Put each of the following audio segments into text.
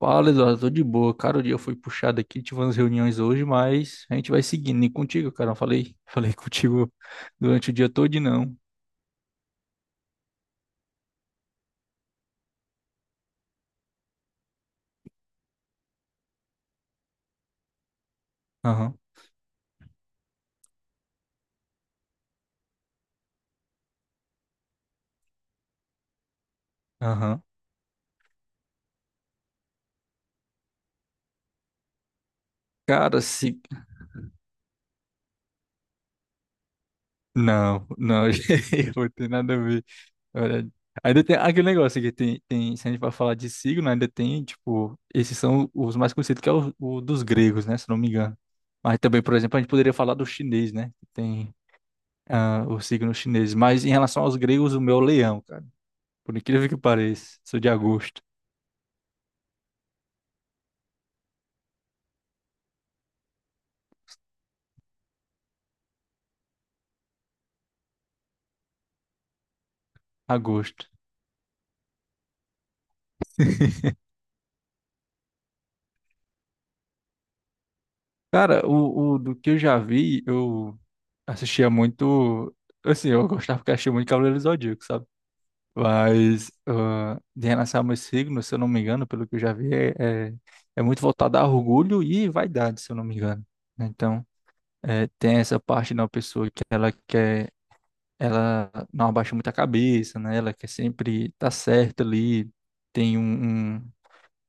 Fala, Eduardo, tô de boa. Cara, o dia foi puxado aqui, tive umas reuniões hoje, mas a gente vai seguindo. E contigo, cara, eu falei, falei contigo durante o dia todo, não. Aham, aham. Cara, se... Não, não, gente, não tem nada a ver. Olha, ainda tem aquele negócio que tem, se a gente vai falar de signo, ainda tem, tipo, esses são os mais conhecidos, que é o dos gregos, né, se não me engano. Mas também, por exemplo, a gente poderia falar do chinês, né, que tem o signo chinês. Mas em relação aos gregos, o meu é o leão, cara. Por incrível que pareça, sou de agosto. Agosto. Cara, o do que eu já vi, eu assistia muito. Assim, eu gostava porque achei muito Cavaleiro do Zodíaco, sabe? Mas de relação a meus signos, se eu não me engano, pelo que eu já vi, é muito voltado a orgulho e vaidade, se eu não me engano. Né? Então, tem essa parte da pessoa que ela quer, ela não abaixa muito a cabeça, né? Ela quer sempre estar certa ali, tem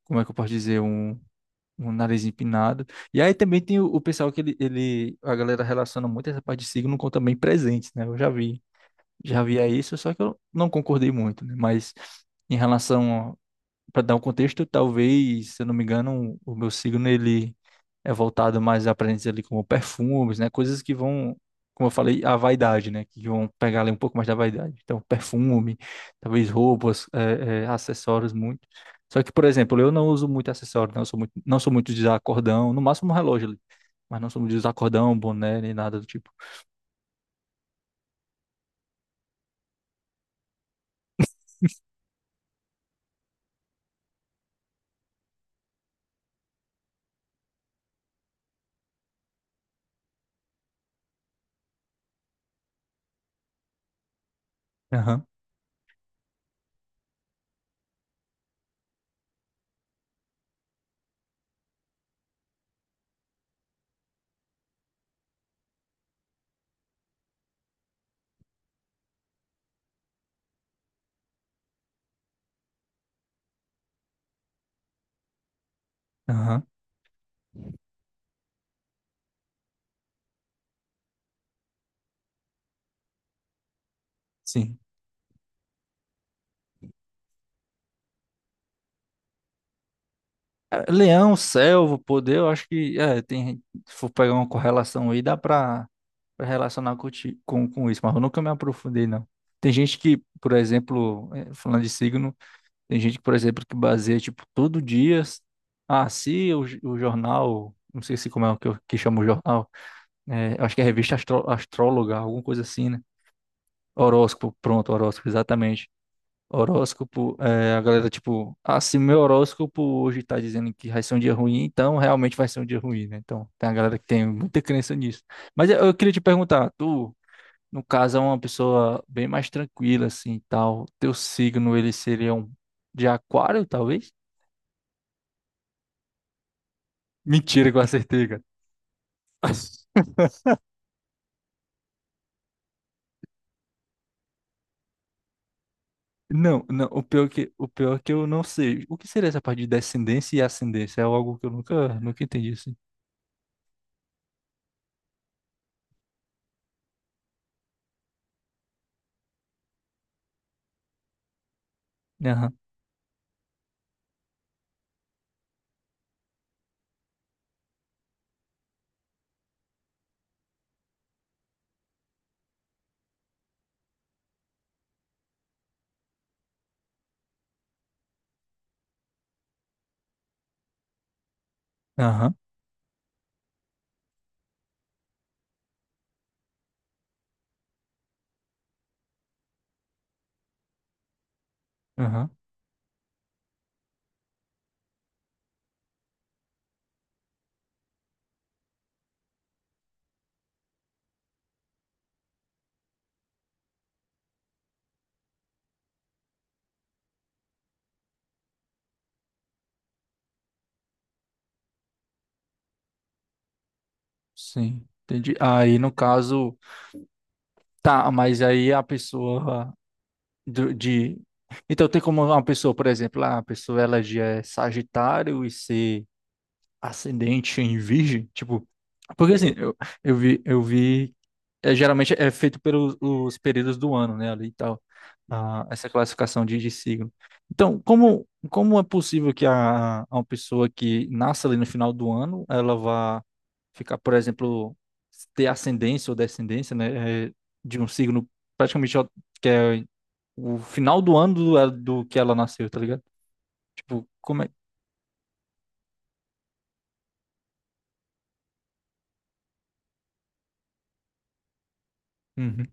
como é que eu posso dizer? Um nariz empinado. E aí também tem o pessoal que ele, a galera relaciona muito essa parte de signo com também presentes, né? Eu já vi, já via isso, só que eu não concordei muito, né? Mas em relação para dar um contexto, talvez, se eu não me engano, o meu signo ele é voltado mais a presentes ali como perfumes, né? Coisas que vão, como eu falei, a vaidade, né? Que vão pegar ali um pouco mais da vaidade. Então, perfume, talvez roupas, acessórios muito. Só que, por exemplo, eu não uso muito acessório, não sou muito de usar cordão, no máximo um relógio ali, mas não sou muito de usar cordão, boné, nem nada do tipo. Aham, aham, sim. É, Leão, Selvo, Poder, eu acho que é, tem, se for pegar uma correlação aí, dá pra, pra relacionar com, com isso, mas eu nunca me aprofundei, não. Tem gente que, por exemplo, falando de signo, tem gente, por exemplo, que baseia, tipo, todo dia, ah, se o, o jornal, não sei se como é o que, que chama o jornal, é, eu acho que é a revista Astróloga, alguma coisa assim, né? Horóscopo, pronto, horóscopo, exatamente. Horóscopo, é, a galera, tipo, ah, se meu horóscopo hoje tá dizendo que vai ser um dia ruim, então realmente vai ser um dia ruim, né? Então, tem a galera que tem muita crença nisso. Mas eu queria te perguntar, tu, no caso, é uma pessoa bem mais tranquila, assim, e tal, teu signo, ele seria um de aquário, talvez? Mentira que eu acertei, cara. Não, não, o pior que, o pior é que eu não sei. O que seria essa parte de descendência e ascendência? É algo que eu nunca entendi, assim. Aham, aham, aham. Sim, entendi. Aí, no caso, tá, mas aí a pessoa do- de. Então, tem como uma pessoa, por exemplo, ah, a pessoa ela já é Sagitário e ser ascendente em Virgem? Tipo, porque assim, eu vi é, geralmente é feito pelos os períodos do ano, né, ali e tal, essa classificação de signo. Então, como, como é possível que a uma pessoa que nasce ali no final do ano, ela vá ficar, por exemplo, ter ascendência ou descendência, né, é, de um signo praticamente ó, que é o final do ano do, é, do que ela nasceu, tá ligado? Tipo, como é? Uhum,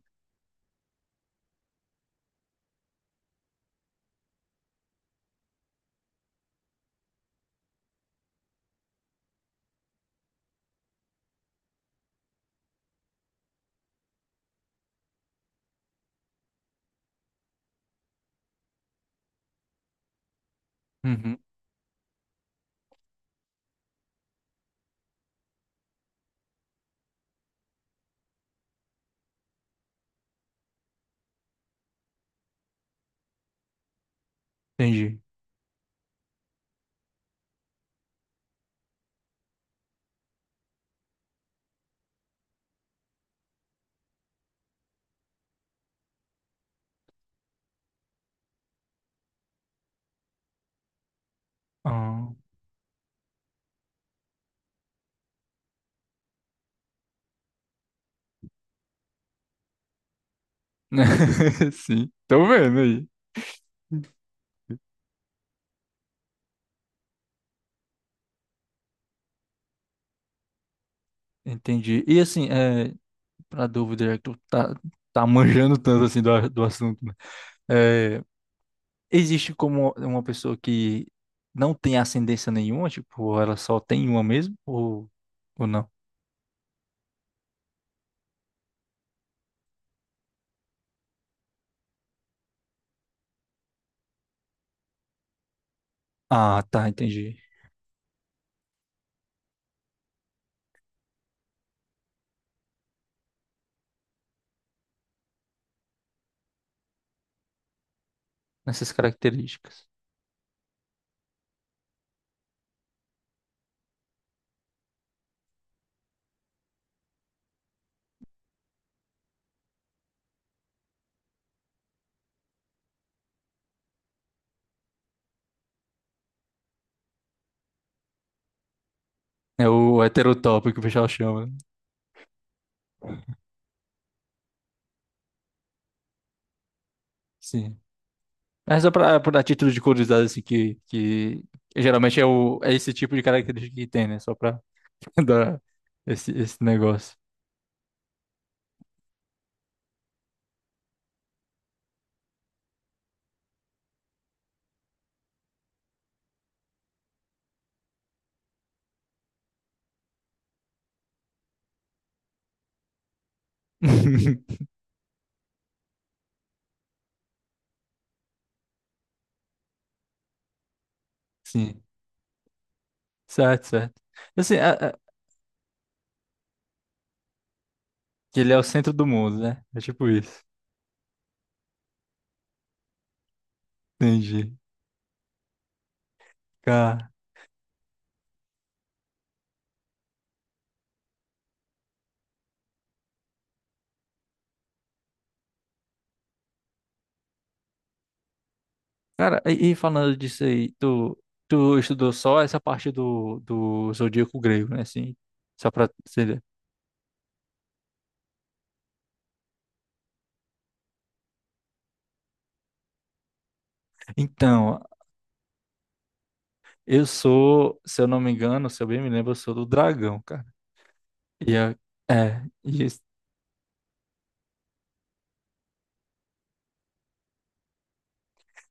uhum, entendi. Ah. Sim, tô vendo aí. Entendi. E assim, é, pra dúvida, já que tá manjando tanto assim do, do assunto, né? É, existe como uma pessoa que não tem ascendência nenhuma, tipo, ela só tem uma mesmo, ou não? Ah, tá, entendi. Nessas características. É o heterotópico que o pessoal chama, né? Sim. Mas só pra, pra título de curiosidade, assim, que geralmente é, é esse tipo de característica que tem, né? Só pra, dar esse negócio. Sim, certo, certo. Assim, Que ele é o centro do mundo, né? É tipo isso. Entendi. Cara, cara, e falando disso aí, tu, tu estudou só essa parte do, do zodíaco grego, né? Assim, só pra ser. Então, eu sou, se eu não me engano, se eu bem me lembro, eu sou do dragão, cara. E é, e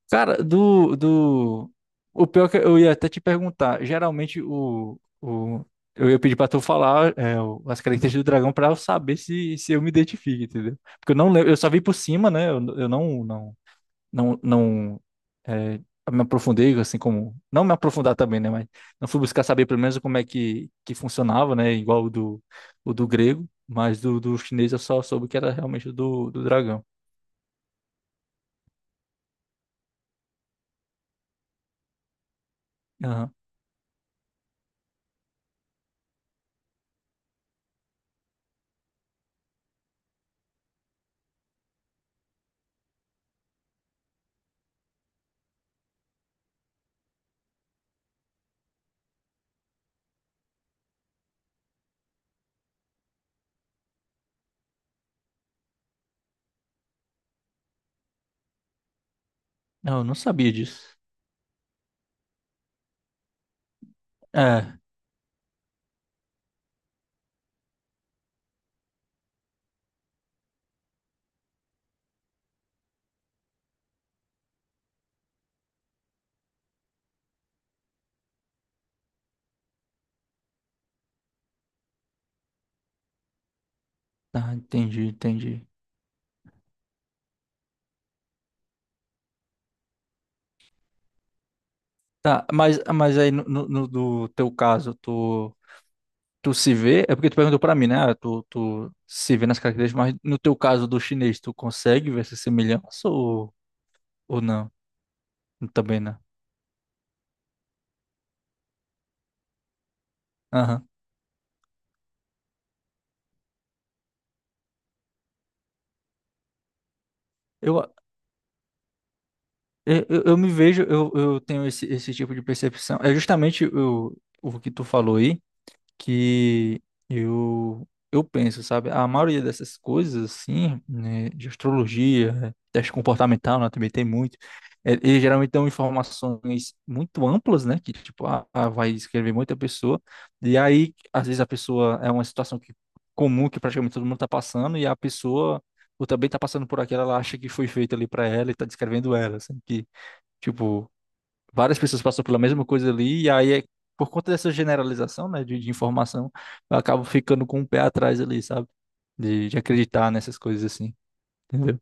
Cara, do, do... O pior que eu ia até te perguntar, geralmente o... eu ia pedir pra tu falar é, as características do dragão pra eu saber se, se eu me identifico, entendeu? Porque eu não lembro, eu só vi por cima, né? Eu não, não, não, não é, me aprofundei, assim como... Não me aprofundar também, né? Mas não fui buscar saber pelo menos como é que funcionava, né? Igual o do grego, mas do, do chinês eu só soube que era realmente o do, do dragão. Aham. Não, eu não sabia disso. É. Ah, entendi, entendi. Tá, mas aí no, no, no do teu caso, tu, tu se vê, é porque tu perguntou pra mim, né? Ah, Tu, tu se vê nas características, mas no teu caso do chinês, tu consegue ver essa semelhança ou não? Também não. Aham. Eu, eu me vejo, eu tenho esse, esse tipo de percepção. É justamente o que tu falou aí. Que eu penso, sabe? A maioria dessas coisas, assim, né, de astrologia, né, teste comportamental, né, também tem muito. É, Eles geralmente dão informações muito amplas, né? Que, tipo, vai escrever muita pessoa. E aí, às vezes, a pessoa é uma situação que, comum que praticamente todo mundo tá passando, e a pessoa ou também tá passando por aquela, ela acha que foi feito ali para ela e tá descrevendo ela, assim, que, tipo várias pessoas passam pela mesma coisa ali, e aí é por conta dessa generalização, né, de informação, eu acabo ficando com o pé atrás ali, sabe? De acreditar nessas coisas assim, entendeu?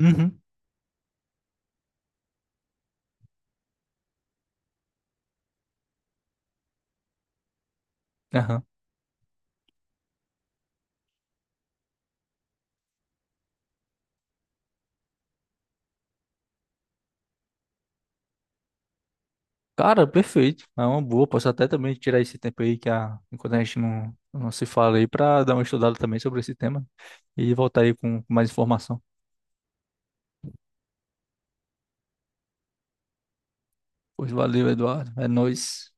Uhum, aham. Cara, perfeito. É uma boa. Posso até também tirar esse tempo aí que a, enquanto a gente não se fala aí pra dar uma estudada também sobre esse tema e voltar aí com mais informação. Pois valeu, Eduardo. É nóis.